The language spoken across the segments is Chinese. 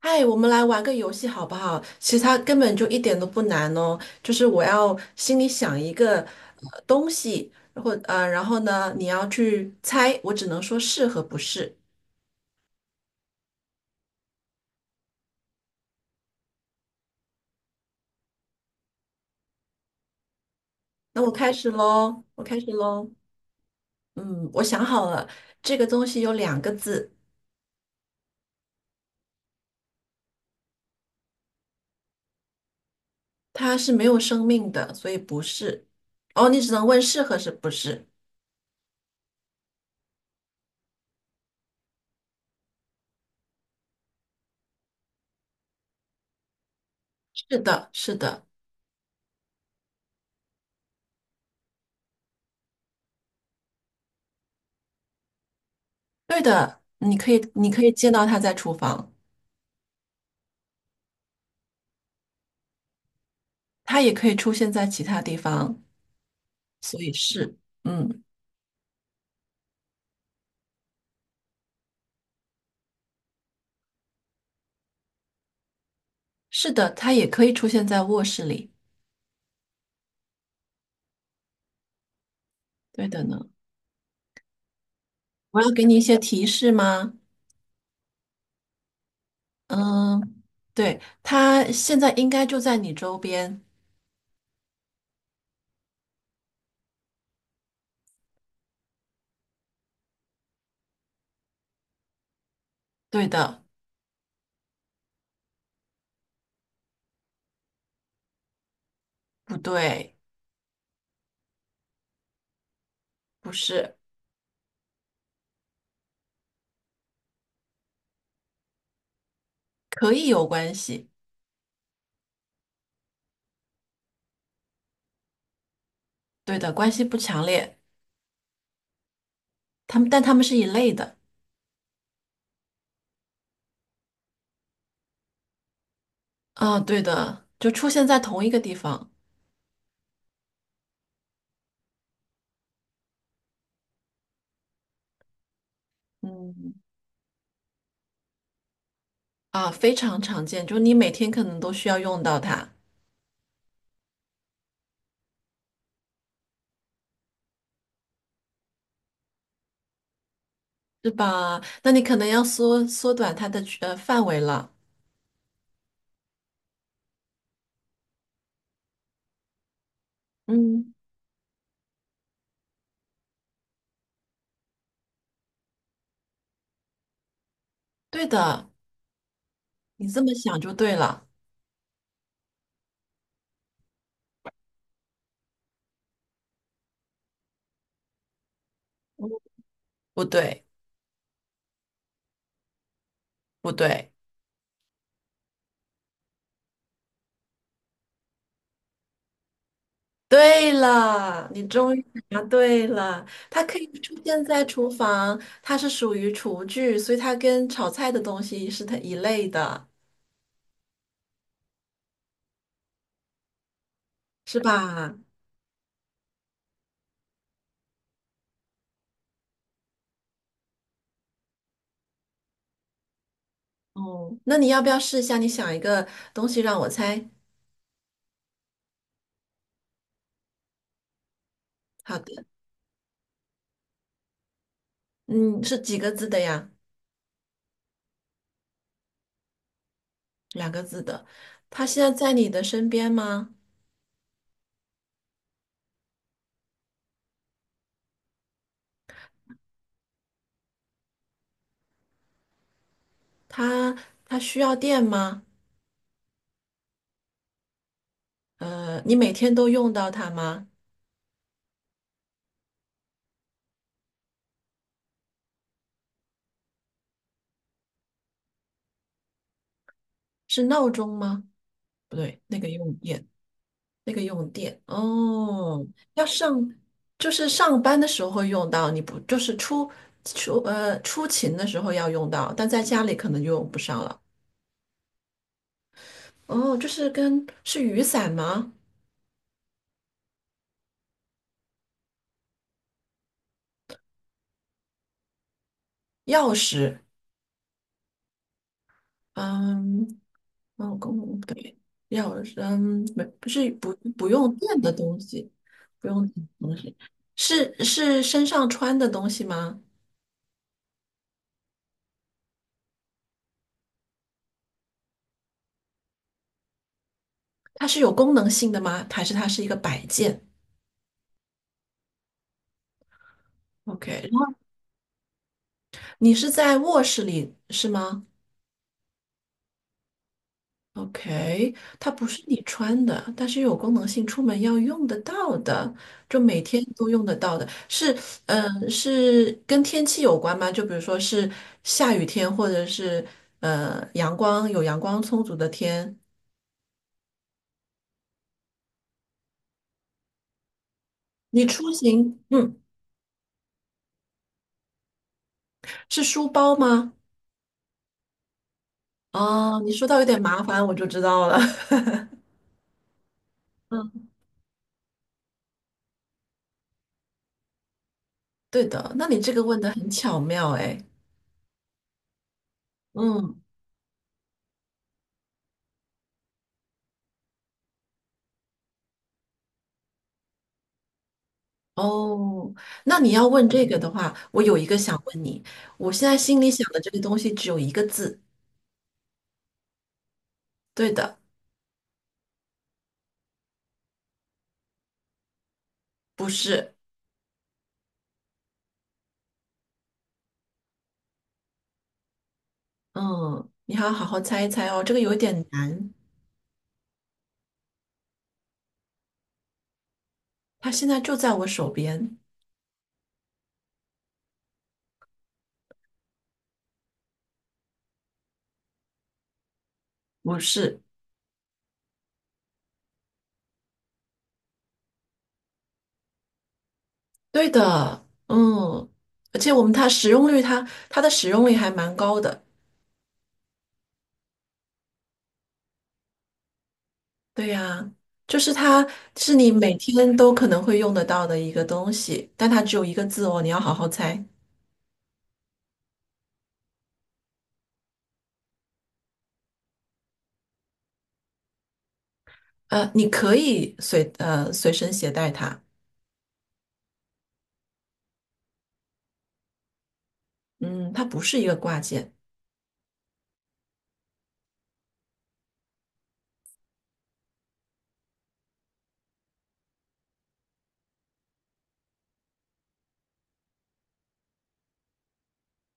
嗨，我们来玩个游戏好不好？其实它根本就一点都不难哦，就是我要心里想一个东西，然后然后呢，你要去猜，我只能说是和不是。那我开始喽，嗯，我想好了，这个东西有两个字，它是没有生命的，所以不是。哦，你只能问是和是不是？是的，对的。你可以，你可以见到它在厨房，它也可以出现在其他地方。所以是，嗯，是的，它也可以出现在卧室里。对的呢，我要给你一些提示吗？嗯，对，它现在应该就在你周边。对的，不对，不是，可以有关系。对的，关系不强烈，但它们是一类的。啊，对的，就出现在同一个地方。嗯，啊，非常常见，就你每天可能都需要用到它，是吧？那你可能要缩短它的范围了。嗯。对的，你这么想就对了。不对，不对，对了，你终于答对了。它可以出现在厨房，它是属于厨具，所以它跟炒菜的东西是它一类的，是吧？哦，那你要不要试一下？你想一个东西让我猜。好的，嗯，是几个字的呀？两个字的。它现在在你的身边吗？它它需要电吗？你每天都用到它吗？是闹钟吗？不对，那个用电，那个用电哦，要上就是上班的时候会用到，你不就是出勤的时候要用到，但在家里可能就用不上了。哦，就是跟是雨伞吗？钥匙，嗯，哦，公对，钥匙，嗯，不是不用电的东西，不用电的东西，是身上穿的东西吗？它是有功能性的吗？还是它是一个摆件？OK，你是在卧室里是吗？OK，它不是你穿的，但是有功能性，出门要用得到的，就每天都用得到的。是，嗯、是跟天气有关吗？就比如说是下雨天，或者是阳光充足的天。你出行，嗯，是书包吗？哦，你说到有点麻烦，我就知道了。嗯，对的，那你这个问的很巧妙，哎，嗯。哦，那你要问这个的话，我有一个想问你，我现在心里想的这个东西只有一个字，对的，不是，嗯，你还要好好猜一猜哦，这个有点难，它现在就在我手边，不是，对的，嗯，而且我们它使用率它，它的使用率还蛮高的，对呀，就是你每天都可能会用得到的一个东西，但它只有一个字哦，你要好好猜，你可以随身携带它。嗯，它不是一个挂件，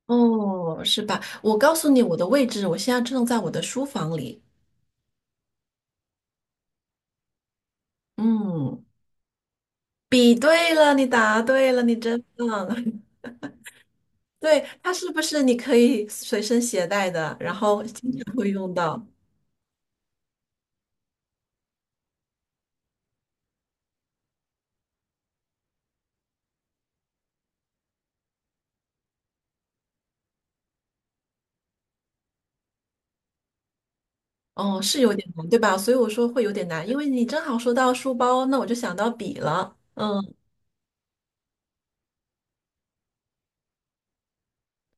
哦，是吧？我告诉你我的位置，我现在正在我的书房里。嗯，比对了，你答对了，你真棒。对，它是不是你可以随身携带的，然后经常会用到？哦，是有点难，对吧？所以我说会有点难，因为你正好说到书包，那我就想到笔了。嗯，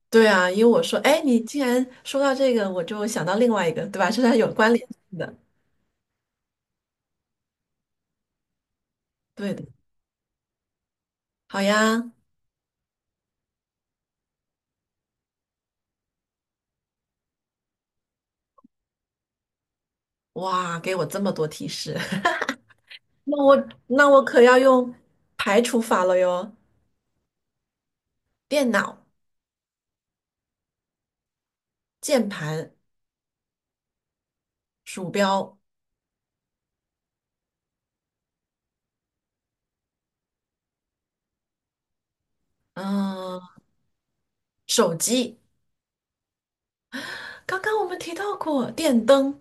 对啊，因为我说，哎，你既然说到这个，我就想到另外一个，对吧？这是有关联性的。对的，好呀，哇，给我这么多提示。那我那我可要用排除法了哟，电脑、键盘、鼠标，嗯、手机。刚刚我们提到过电灯，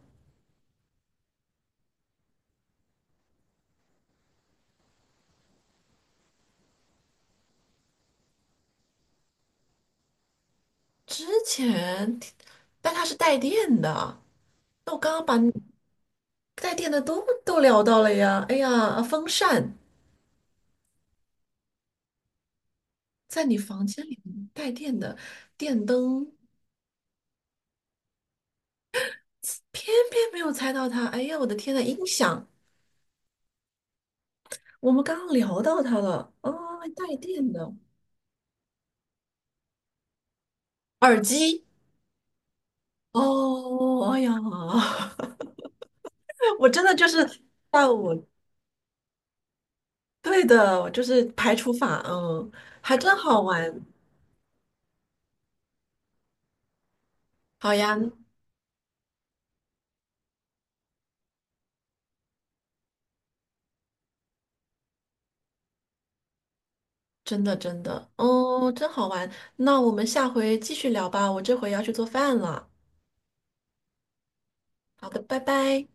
之前提但它是带电的。那我刚刚把你带电的都聊到了呀。哎呀，风扇在你房间里面带电的电灯，偏偏没有猜到它。哎呀，我的天呐，音响，我们刚刚聊到它了啊，带电的耳机。哦，哦哎呀，我真的就是在我对的，就是排除法，嗯，还真好玩，好呀，真的，哦，真好玩。那我们下回继续聊吧，我这回要去做饭了。好的，拜拜。